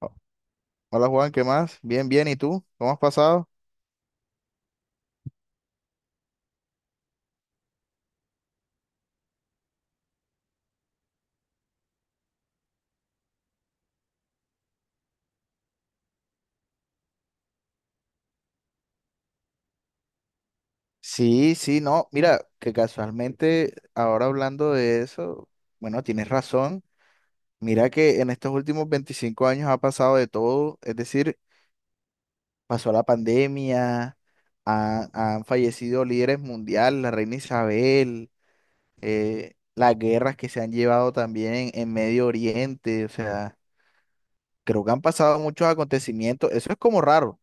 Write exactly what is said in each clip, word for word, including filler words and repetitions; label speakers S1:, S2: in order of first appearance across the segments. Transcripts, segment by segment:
S1: Oh, hola Juan, ¿qué más? Bien, bien, ¿y tú? ¿Cómo has pasado? Sí, sí, no, mira, que casualmente ahora hablando de eso, bueno, tienes razón. Mira que en estos últimos veinticinco años ha pasado de todo, es decir, pasó la pandemia, ha- han fallecido líderes mundiales, la reina Isabel, eh, las guerras que se han llevado también en Medio Oriente, o sea, creo que han pasado muchos acontecimientos, eso es como raro.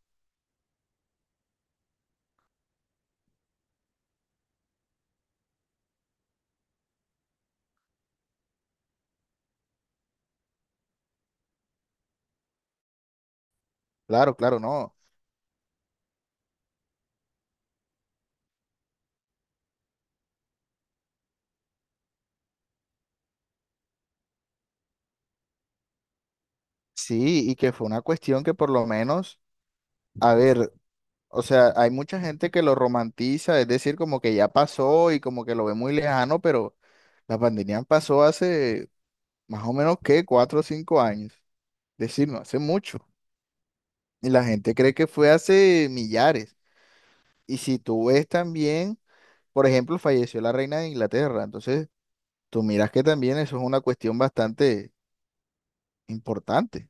S1: Claro, claro, no. Sí, y que fue una cuestión que por lo menos, a ver, o sea, hay mucha gente que lo romantiza, es decir, como que ya pasó y como que lo ve muy lejano, pero la pandemia pasó hace más o menos, ¿qué? Cuatro o cinco años. Es decir, no hace mucho. Y la gente cree que fue hace millares. Y si tú ves también, por ejemplo, falleció la reina de Inglaterra, entonces tú miras que también eso es una cuestión bastante importante.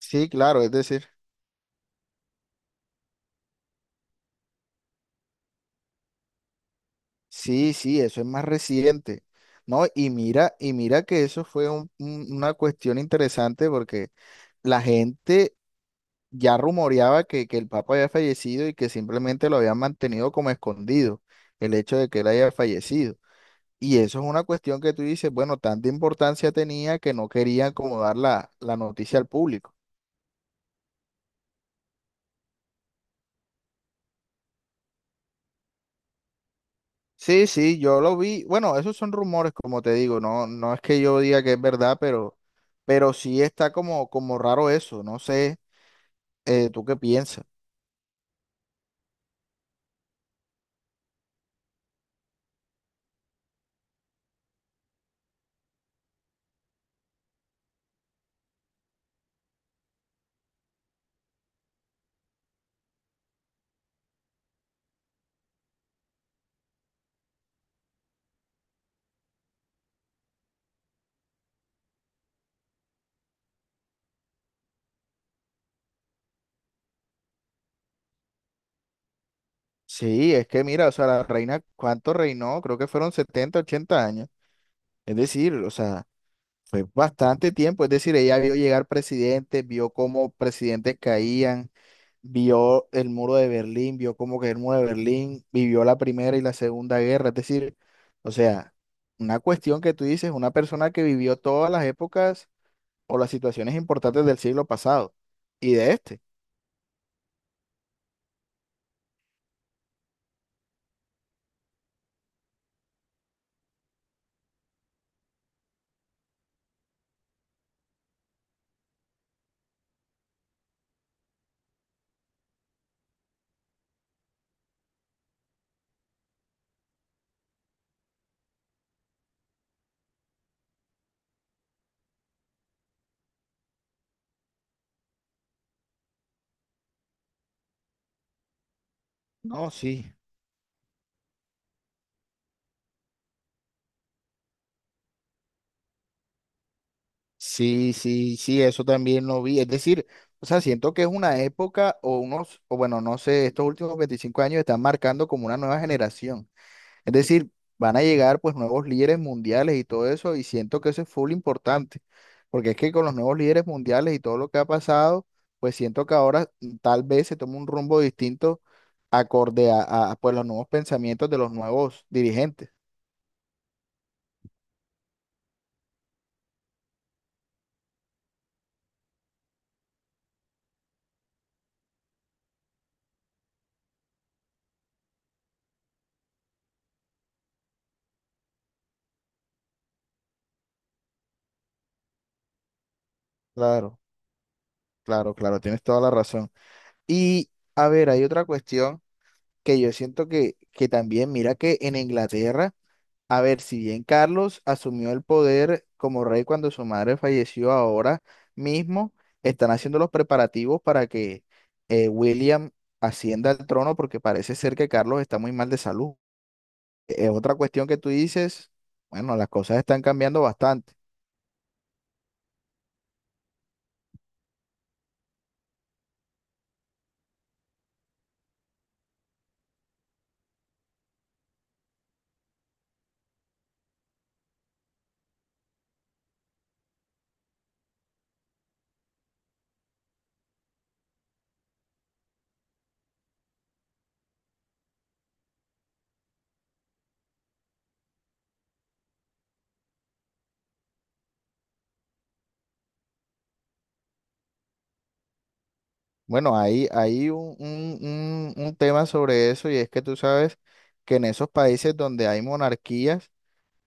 S1: Sí, claro, es decir. Sí, sí, eso es más reciente, ¿no? Y mira, y mira que eso fue un- un- una cuestión interesante porque la gente ya rumoreaba que, que el Papa había fallecido y que simplemente lo habían mantenido como escondido, el hecho de que él haya fallecido. Y eso es una cuestión que tú dices, bueno, tanta importancia tenía que no querían como dar la, la noticia al público. Sí, sí, yo lo vi. Bueno, esos son rumores, como te digo, no, no es que yo diga que es verdad, pero, pero sí está como, como raro eso. No sé, eh, ¿tú qué piensas? Sí, es que mira, o sea, la reina, ¿cuánto reinó? Creo que fueron setenta, ochenta años. Es decir, o sea, fue bastante tiempo, es decir, ella vio llegar presidentes, vio cómo presidentes caían, vio el muro de Berlín, vio cómo cayó el muro de Berlín, vivió la primera y la segunda guerra, es decir, o sea, una cuestión que tú dices, una persona que vivió todas las épocas o las situaciones importantes del siglo pasado y de este. No, sí, sí, sí, sí, eso también lo vi, es decir, o sea, siento que es una época o unos, o bueno, no sé, estos últimos veinticinco años están marcando como una nueva generación. Es decir, van a llegar pues nuevos líderes mundiales y todo eso, y siento que eso es full importante, porque es que con los nuevos líderes mundiales y todo lo que ha pasado, pues siento que ahora mm, tal vez se toma un rumbo distinto acorde a, a, pues los nuevos pensamientos de los nuevos dirigentes. Claro, claro, claro, tienes toda la razón. Y a ver, hay otra cuestión que yo siento que, que también, mira que en Inglaterra, a ver, si bien Carlos asumió el poder como rey cuando su madre falleció, ahora mismo están haciendo los preparativos para que eh, William ascienda al trono porque parece ser que Carlos está muy mal de salud. Es otra cuestión que tú dices, bueno, las cosas están cambiando bastante. Bueno, hay, hay un, un un- un tema sobre eso y es que tú sabes que en esos países donde hay monarquías,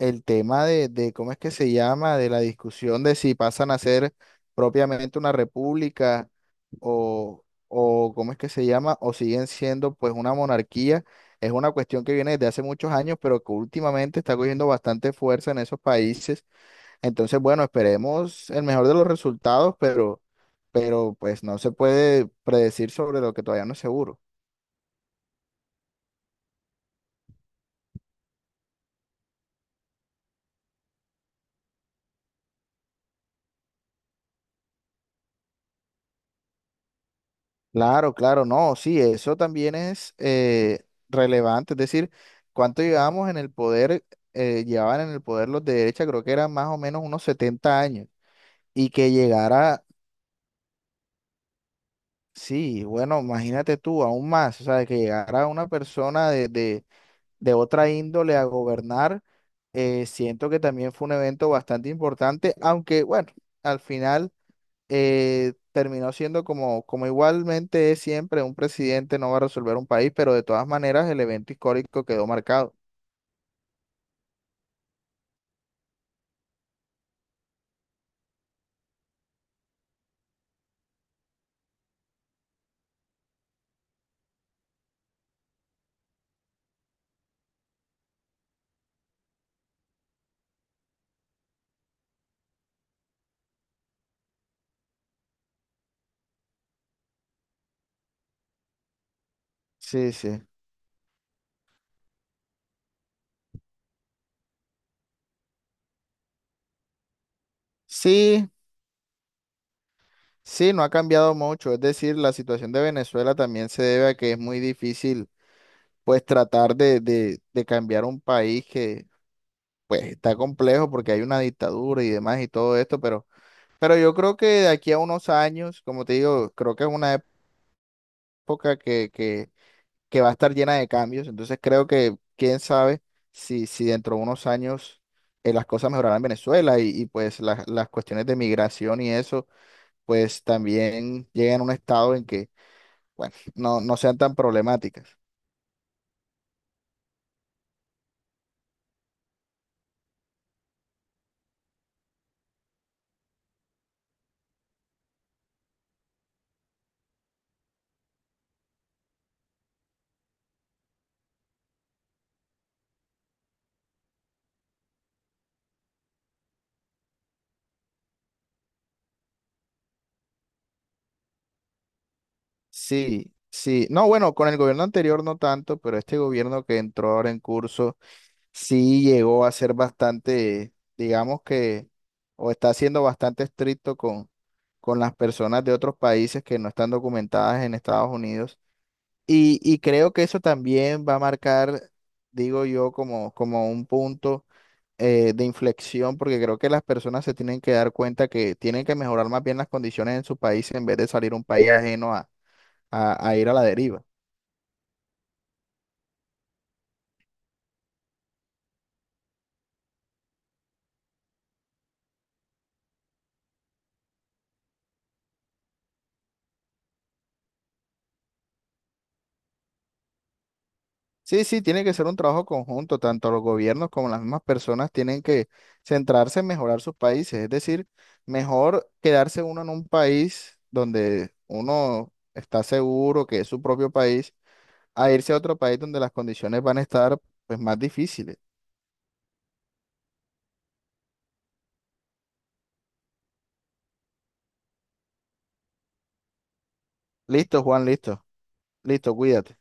S1: el tema de, de, ¿cómo es que se llama? De la discusión de si pasan a ser propiamente una república o, o ¿cómo es que se llama? O siguen siendo pues una monarquía. Es una cuestión que viene desde hace muchos años, pero que últimamente está cogiendo bastante fuerza en esos países. Entonces, bueno, esperemos el mejor de los resultados, pero, pero pues no se puede predecir sobre lo que todavía no es seguro. Claro, claro, no, sí, eso también es eh, relevante, es decir, cuánto llevábamos en el poder, eh, llevaban en el poder los de derecha, creo que eran más o menos unos setenta años, y que llegara, sí, bueno, imagínate tú, aún más, o sea, que llegara una persona de, de, de otra índole a gobernar, eh, siento que también fue un evento bastante importante, aunque bueno, al final eh, terminó siendo como, como igualmente es siempre, un presidente no va a resolver un país, pero de todas maneras el evento histórico quedó marcado. Sí, sí. Sí, sí, no ha cambiado mucho. Es decir, la situación de Venezuela también se debe a que es muy difícil, pues, tratar de, de, de cambiar un país que, pues, está complejo porque hay una dictadura y demás y todo esto, pero, pero yo creo que de aquí a unos años, como te digo, creo que es una época que, que que va a estar llena de cambios. Entonces creo que quién sabe si, si dentro de unos años eh, las cosas mejorarán en Venezuela y, y, pues las las cuestiones de migración y eso, pues también lleguen a un estado en que, bueno, no, no sean tan problemáticas. Sí, sí. No, bueno, con el gobierno anterior no tanto, pero este gobierno que entró ahora en curso sí llegó a ser bastante, digamos que, o está siendo bastante estricto con, con las personas de otros países que no están documentadas en Estados Unidos. Y, y creo que eso también va a marcar, digo yo, como, como un punto eh, de inflexión, porque creo que las personas se tienen que dar cuenta que tienen que mejorar más bien las condiciones en su país en vez de salir a un país ajeno a, a a ir a la deriva. Sí, sí, tiene que ser un trabajo conjunto, tanto los gobiernos como las mismas personas tienen que centrarse en mejorar sus países, es decir, mejor quedarse uno en un país donde uno está seguro que es su propio país, a irse a otro país donde las condiciones van a estar pues más difíciles. Listo, Juan, listo, listo, cuídate.